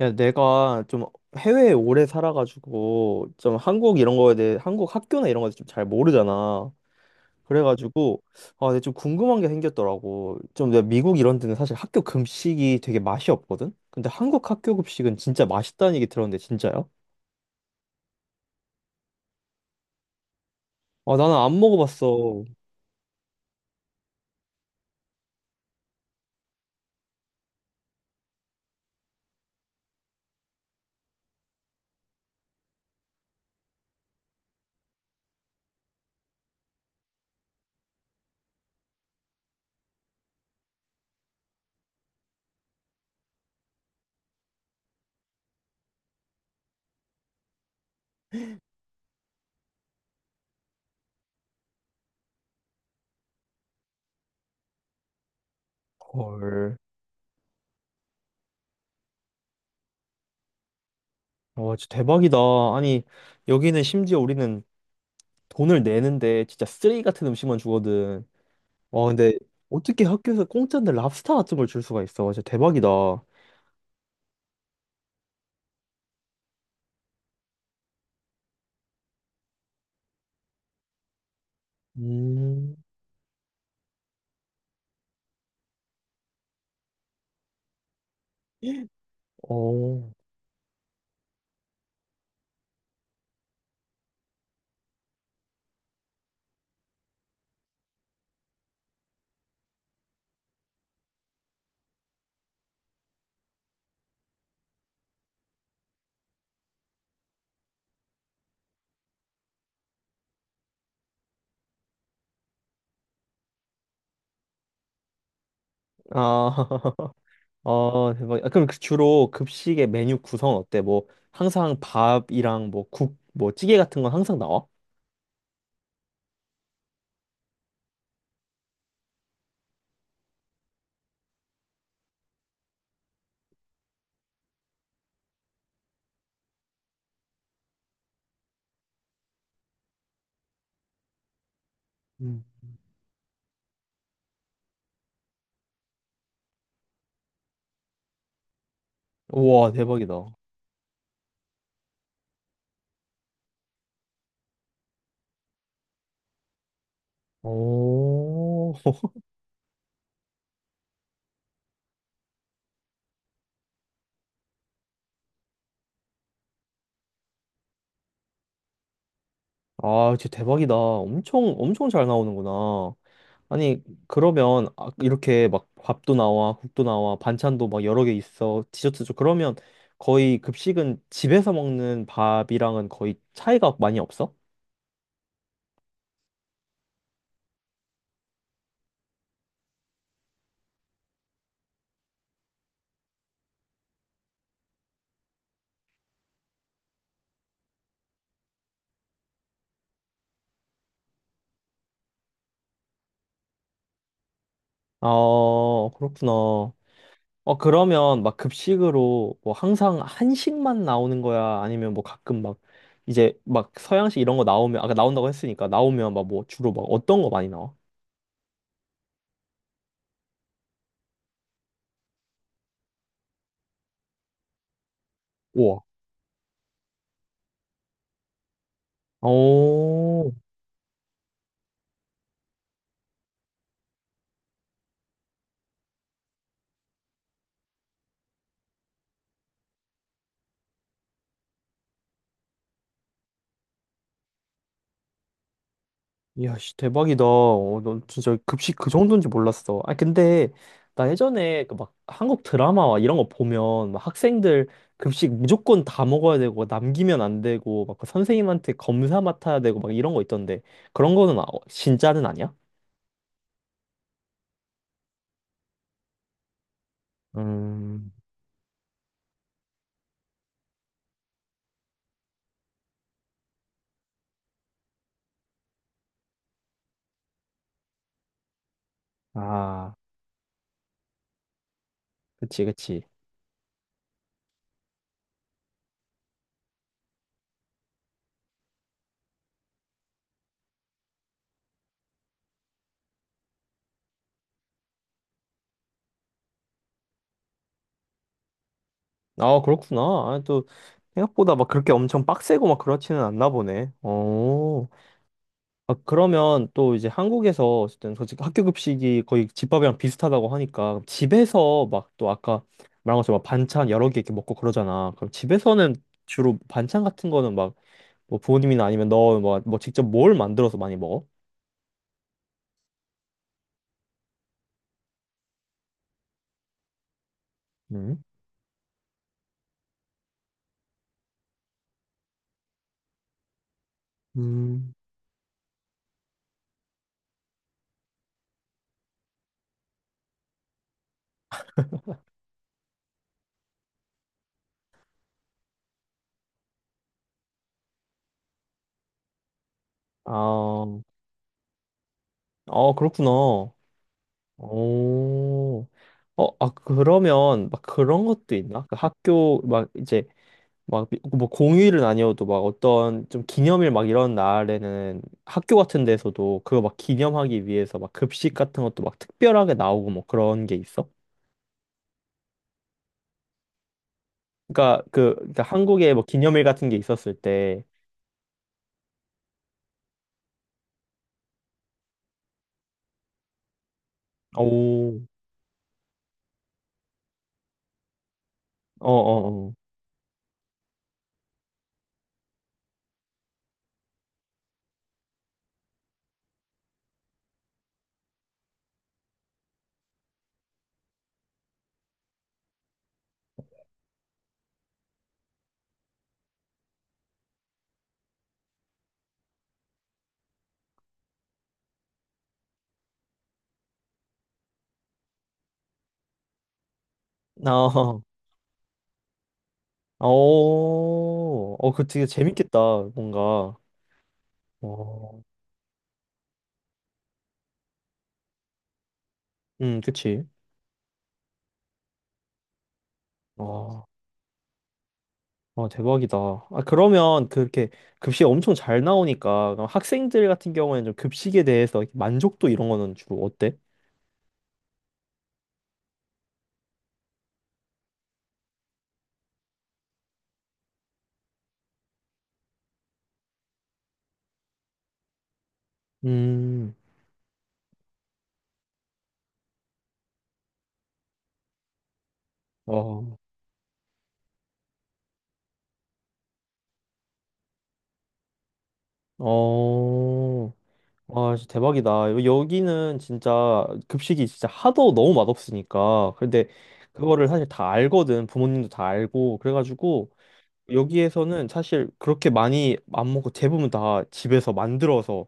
야, 내가 좀 해외에 오래 살아가지고 좀 한국 이런 거에 대해 한국 학교나 이런 거에 좀 잘 모르잖아. 그래가지고 아, 내가 좀 궁금한 게 생겼더라고. 좀 내가 미국 이런 데는 사실 학교 급식이 되게 맛이 없거든. 근데 한국 학교 급식은 진짜 맛있다는 얘기 들었는데 진짜요? 아, 나는 안 먹어봤어. 헐. 와, 진짜 대박이다. 아니, 여기는 심지어 우리는 돈을 내는데 진짜 쓰레기 같은 음식만 주거든. 와, 근데 어떻게 학교에서 공짜인데 랍스타 같은 걸 줄 수가 있어. 진짜 대박이다. 음. 어. 아, 아, 대박. 아, 그럼 그 주로 급식의 메뉴 구성은 어때? 뭐, 항상 밥이랑 뭐, 국, 뭐, 찌개 같은 건 항상 나와? 음. 우와, 대박이다. 오, 아, 진짜 대박이다. 엄청, 엄청 잘 나오는구나. 아니, 그러면 아, 이렇게 막 밥도 나와, 국도 나와, 반찬도 막 여러 개 있어, 디저트죠 그러면 거의 급식은 집에서 먹는 밥이랑은 거의 차이가 많이 없어? 아, 그렇구나. 어, 그러면 막 급식으로 뭐 항상 한식만 나오는 거야? 아니면 뭐 가끔 막 이제 막 서양식 이런 거 나오면, 아까 나온다고 했으니까 나오면 막 뭐 주로 막 어떤 거 많이 나와? 우와. 오. 이야, 씨, 대박이다. 어, 넌 진짜 급식 그 정도인지 몰랐어. 아, 근데 나 예전에 그 막 한국 드라마와 이런 거 보면 막 학생들 급식 무조건 다 먹어야 되고 남기면 안 되고 막그 선생님한테 검사 맡아야 되고 막 이런 거 있던데 그런 거는 진짜는 아니야? 음. 아, 그치, 그치. 아, 그렇구나. 아, 또 생각보다 막 그렇게 엄청 빡세고 막 그렇지는 않나 보네. 어. 아, 그러면 또 이제 한국에서 어쨌든 솔직히 학교 급식이 거의 집밥이랑 비슷하다고 하니까 집에서 막 또 아까 말한 것처럼 막 반찬 여러 개 이렇게 먹고 그러잖아. 그럼 집에서는 주로 반찬 같은 거는 막 뭐 부모님이나 아니면 너 뭐 직접 뭘 만들어서 많이 먹어? 음. 음. 아, 아 그렇구나. 오. 어, 아, 그러면 막 그런 것도 있나? 그 학교 막 이제 막, 뭐 공휴일은 아니어도 막 어떤 좀 기념일 막 이런 날에는 학교 같은 데서도 그거 막 기념하기 위해서 막 급식 같은 것도 막 특별하게 나오고 뭐 그런 게 있어? 그러니까 그러니까 한국에 뭐 기념일 같은 게 있었을 때, 오. 어, 어, 어. 어, 어. 어, 그 되게 재밌겠다, 뭔가. 어. 그치. 어. 아 대박이다. 아, 그러면 그렇게 급식이 엄청 잘 나오니까 그럼 학생들 같은 경우에는 좀 급식에 대해서 이렇게 만족도 이런 거는 주로 어때? 음. 어. 어. 와, 진짜 대박이다. 여기는 진짜 급식이 진짜 하도 너무 맛없으니까. 근데 그거를 사실 다 알거든. 부모님도 다 알고. 그래가지고 여기에서는 사실 그렇게 많이 안 먹고 대부분 다 집에서 만들어서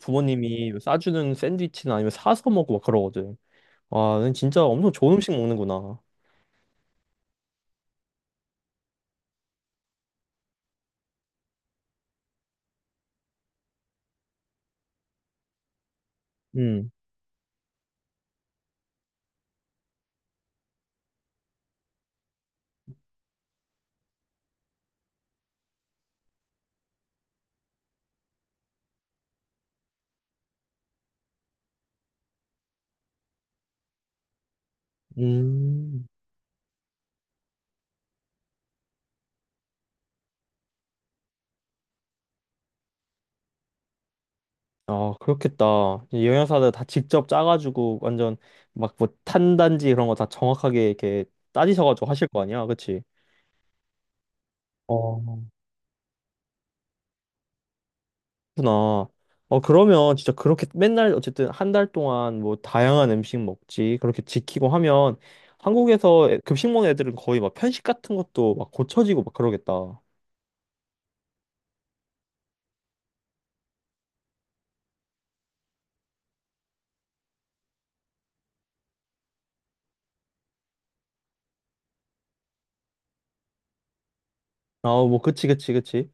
부모님이 뭐 싸주는 샌드위치나 아니면 사서 먹고 막 그러거든. 와, 넌 진짜 엄청 좋은 음식 먹는구나. 음. 음. 아, 그렇겠다. 이 영양사들 다 직접 짜가지고 완전 막 뭐 탄단지 그런 거 다 정확하게 이렇게 따지셔가지고 하실 거 아니야, 그치? 어, 그렇구나. 어, 그러면 진짜 그렇게 맨날 어쨌든 한 달 동안 뭐 다양한 음식 먹지, 그렇게 지키고 하면 한국에서 급식 먹는 애들은 거의 막 편식 같은 것도 막 고쳐지고 막 그러겠다. 아, 뭐, 그치, 그치, 그치.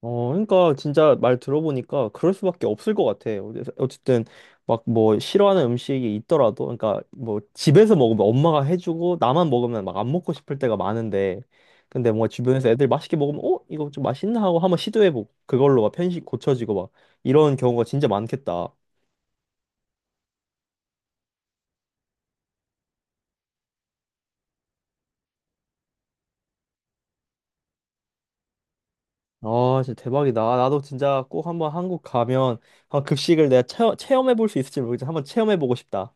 어, 그러니까 진짜 말 들어보니까 그럴 수밖에 없을 것 같아. 어쨌든 막 뭐 싫어하는 음식이 있더라도, 그러니까 뭐 집에서 먹으면 엄마가 해주고 나만 먹으면 막 안 먹고 싶을 때가 많은데, 근데 뭔가 주변에서 애들 맛있게 먹으면 어 이거 좀 맛있나 하고 한번 시도해보고 그걸로 막 편식 고쳐지고 막 이런 경우가 진짜 많겠다. 아, 진짜 대박이다. 아, 나도 진짜 꼭 한번 한국 가면 한번 급식을 내가 체험해볼 수 있을지 모르겠지만 한번 체험해보고 싶다.